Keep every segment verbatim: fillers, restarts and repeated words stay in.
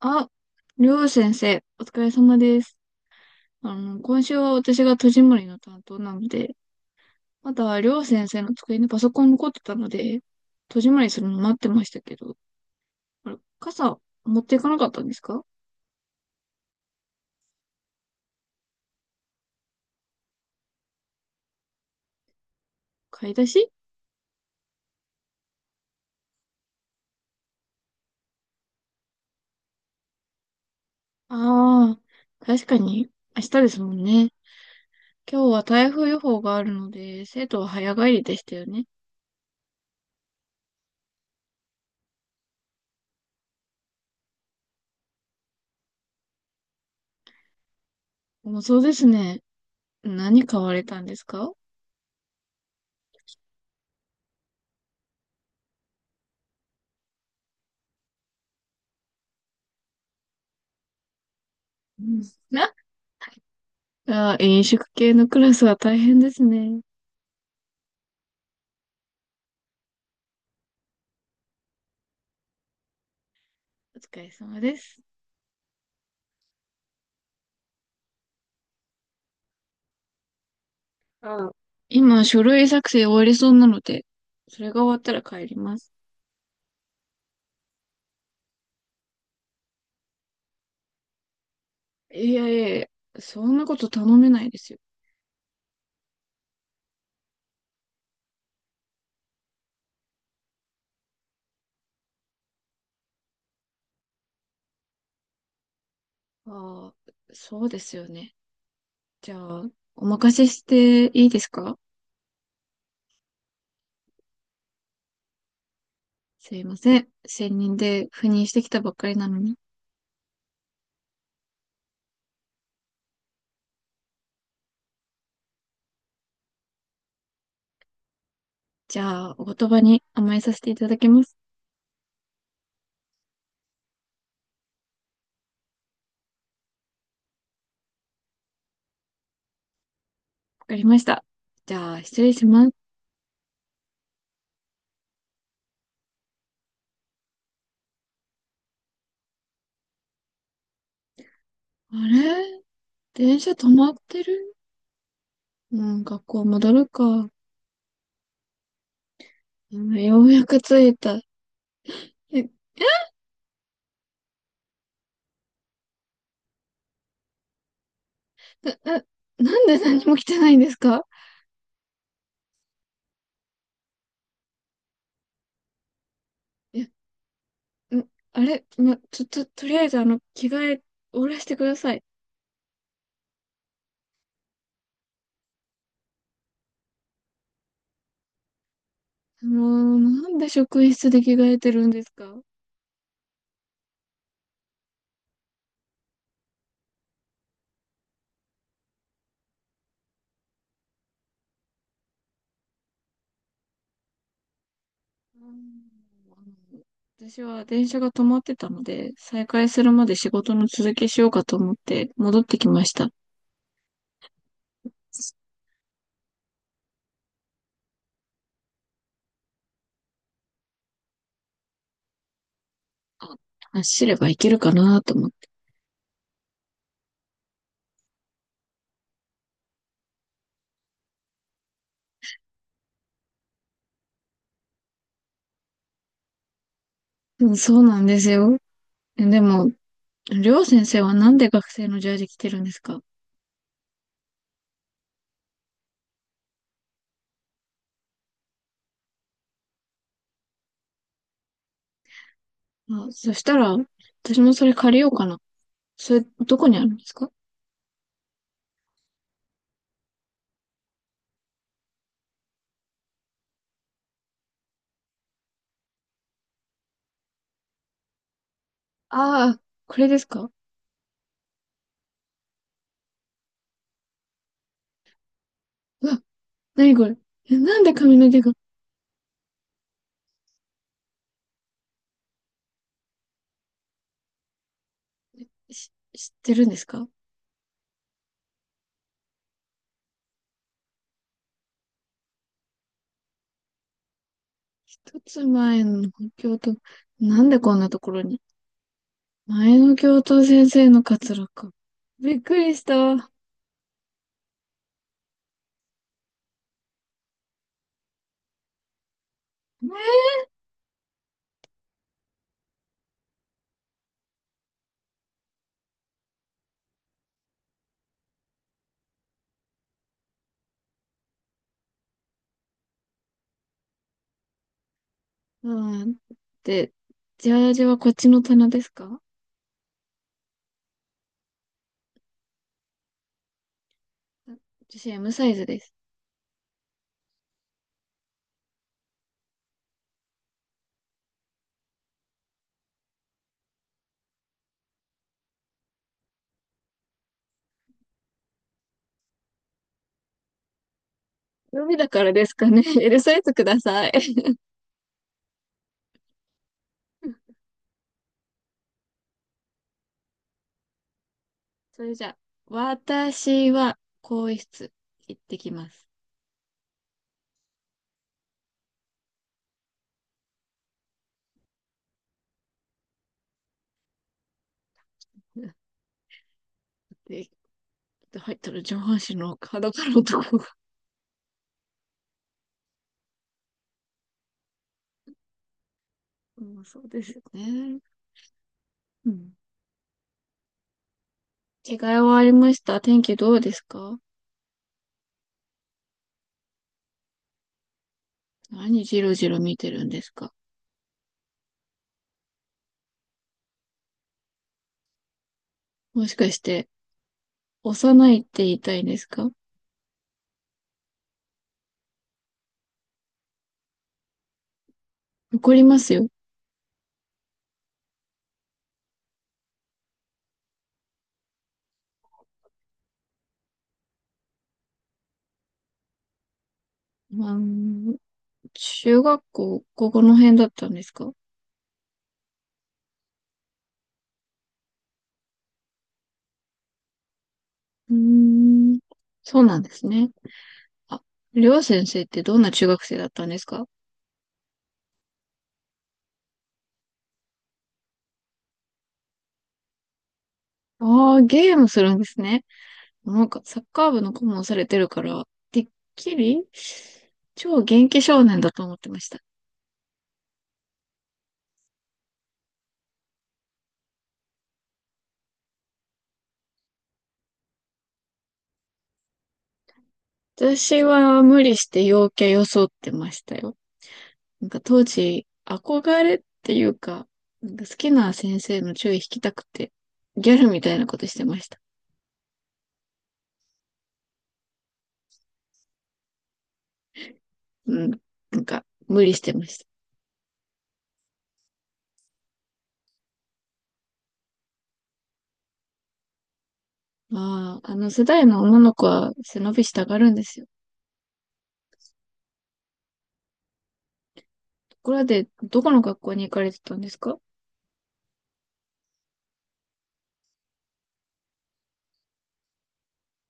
あ、りょう先生、お疲れ様です。あの、今週は私が戸締まりの担当なので、まだりょう先生の机にパソコン残ってたので、戸締まりするの待ってましたけど、あれ、傘持っていかなかったんですか？買い出し？ああー、確かに、明日ですもんね。今日は台風予報があるので、生徒は早帰りでしたよね。もうそうですね。何買われたんですか？うん。な、あー、飲食系のクラスは大変ですね。お疲れ様です。あ、今、書類作成終わりそうなので、それが終わったら帰ります。いやいやいや、そんなこと頼めないですよ。ああ、そうですよね。じゃあ、お任せしていいですか？すいません。専任で赴任してきたばっかりなのに。じゃあ、お言葉に甘えさせていただきます。わかりました。じゃあ、失礼します。あれ、電車止まってる。うん、学校戻るか。うん、ようやく着いた。え、な、な、なんで何も着てないんですか？いや、んあれ、ま、ちょ、と、とりあえずあの、着替え、おらしてください。もう、なんで職員室で着替えてるんですか？うん。私は電車が止まってたので、再開するまで仕事の続きしようかと思って戻ってきました。あ、走ればいけるかなと思って。うん、そうなんですよ。え、でも、りょう先生はなんで学生のジャージ着てるんですか？あ、そしたら、私もそれ借りようかな。それ、どこにあるんですか？ああー、これですか？うわ、なにこれ？え、なんで髪の毛が、し知ってるんですか？一つ前の教頭、なんでこんなところに、前の教頭先生のカツラか。びっくりした。え。うん。で、ジャージはこっちの棚ですか？私 M サイズです。海だからですかね。L サイズください。それじゃあ、私は更衣室行ってきます。て入ったら上半身の裸のとこが。うん、そうですよね。うん。着替えはありました。天気どうですか？何じろじろ見てるんですか？もしかして、幼いって言いたいんですか？怒りますよ。まあ、うん、中学校、ここの辺だったんですか？うーん、そうなんですね。あ、りょう先生ってどんな中学生だったんですか？ああー、ゲームするんですね。なんかサッカー部の顧問されてるから、てっきり超元気少年だと思ってました。私は無理して陽キャ装ってましたよ。なんか当時、憧れっていうか、なんか好きな先生の注意引きたくて、ギャルみたいなことしてました。うん。なんか、無理してました。ああ、あの世代の女の子は背伸びしたがるんですよ。ところで、どこの学校に行かれてたんですか？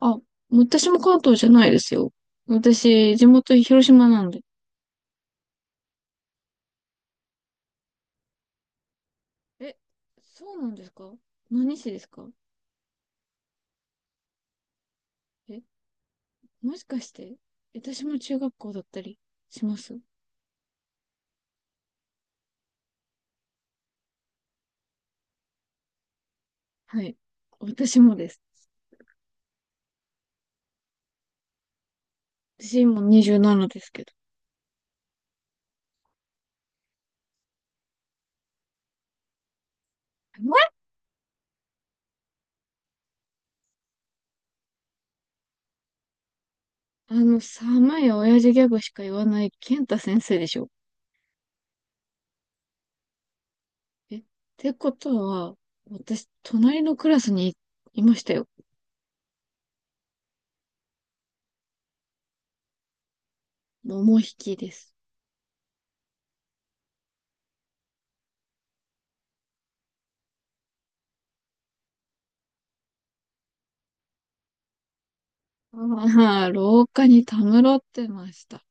あ、私も関東じゃないですよ。私、地元広島なんで。え、そうなんですか？何市ですか？え、もしかして、私も中学校だったりします？はい。私もです。私今にじゅうななですけど。え、あの、寒い親父ギャグしか言わない健太先生でしょ。え、ってことは、私、隣のクラスにいましたよ。桃引きです。ああ、廊下にたむろってました。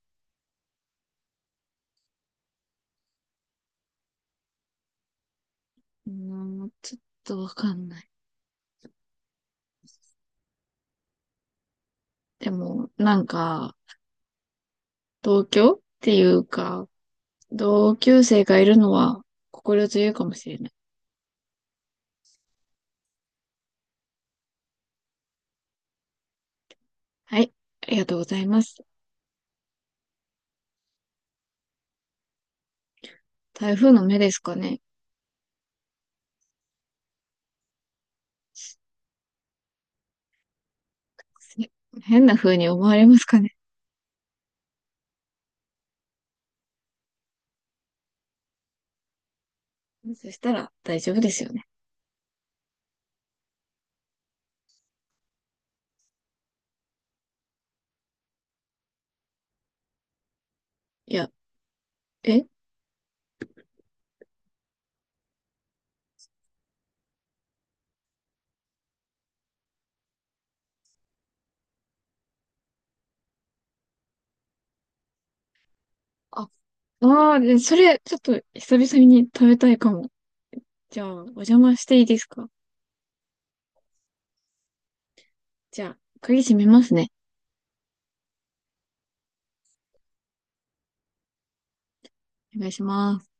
うーん、ちょっとわかんない。でも、なんか、同居っていうか、同級生がいるのは心強いかもしれない。はい、ありがとうございます。台風の目ですかね。せ変な風に思われますかね。そしたら大丈夫ですよね。いや、えあ、ああ、でそれ、ちょっと久々に食べたいかも。じゃあ、お邪魔していいですか？じゃあ、鍵閉めますね。お願いします。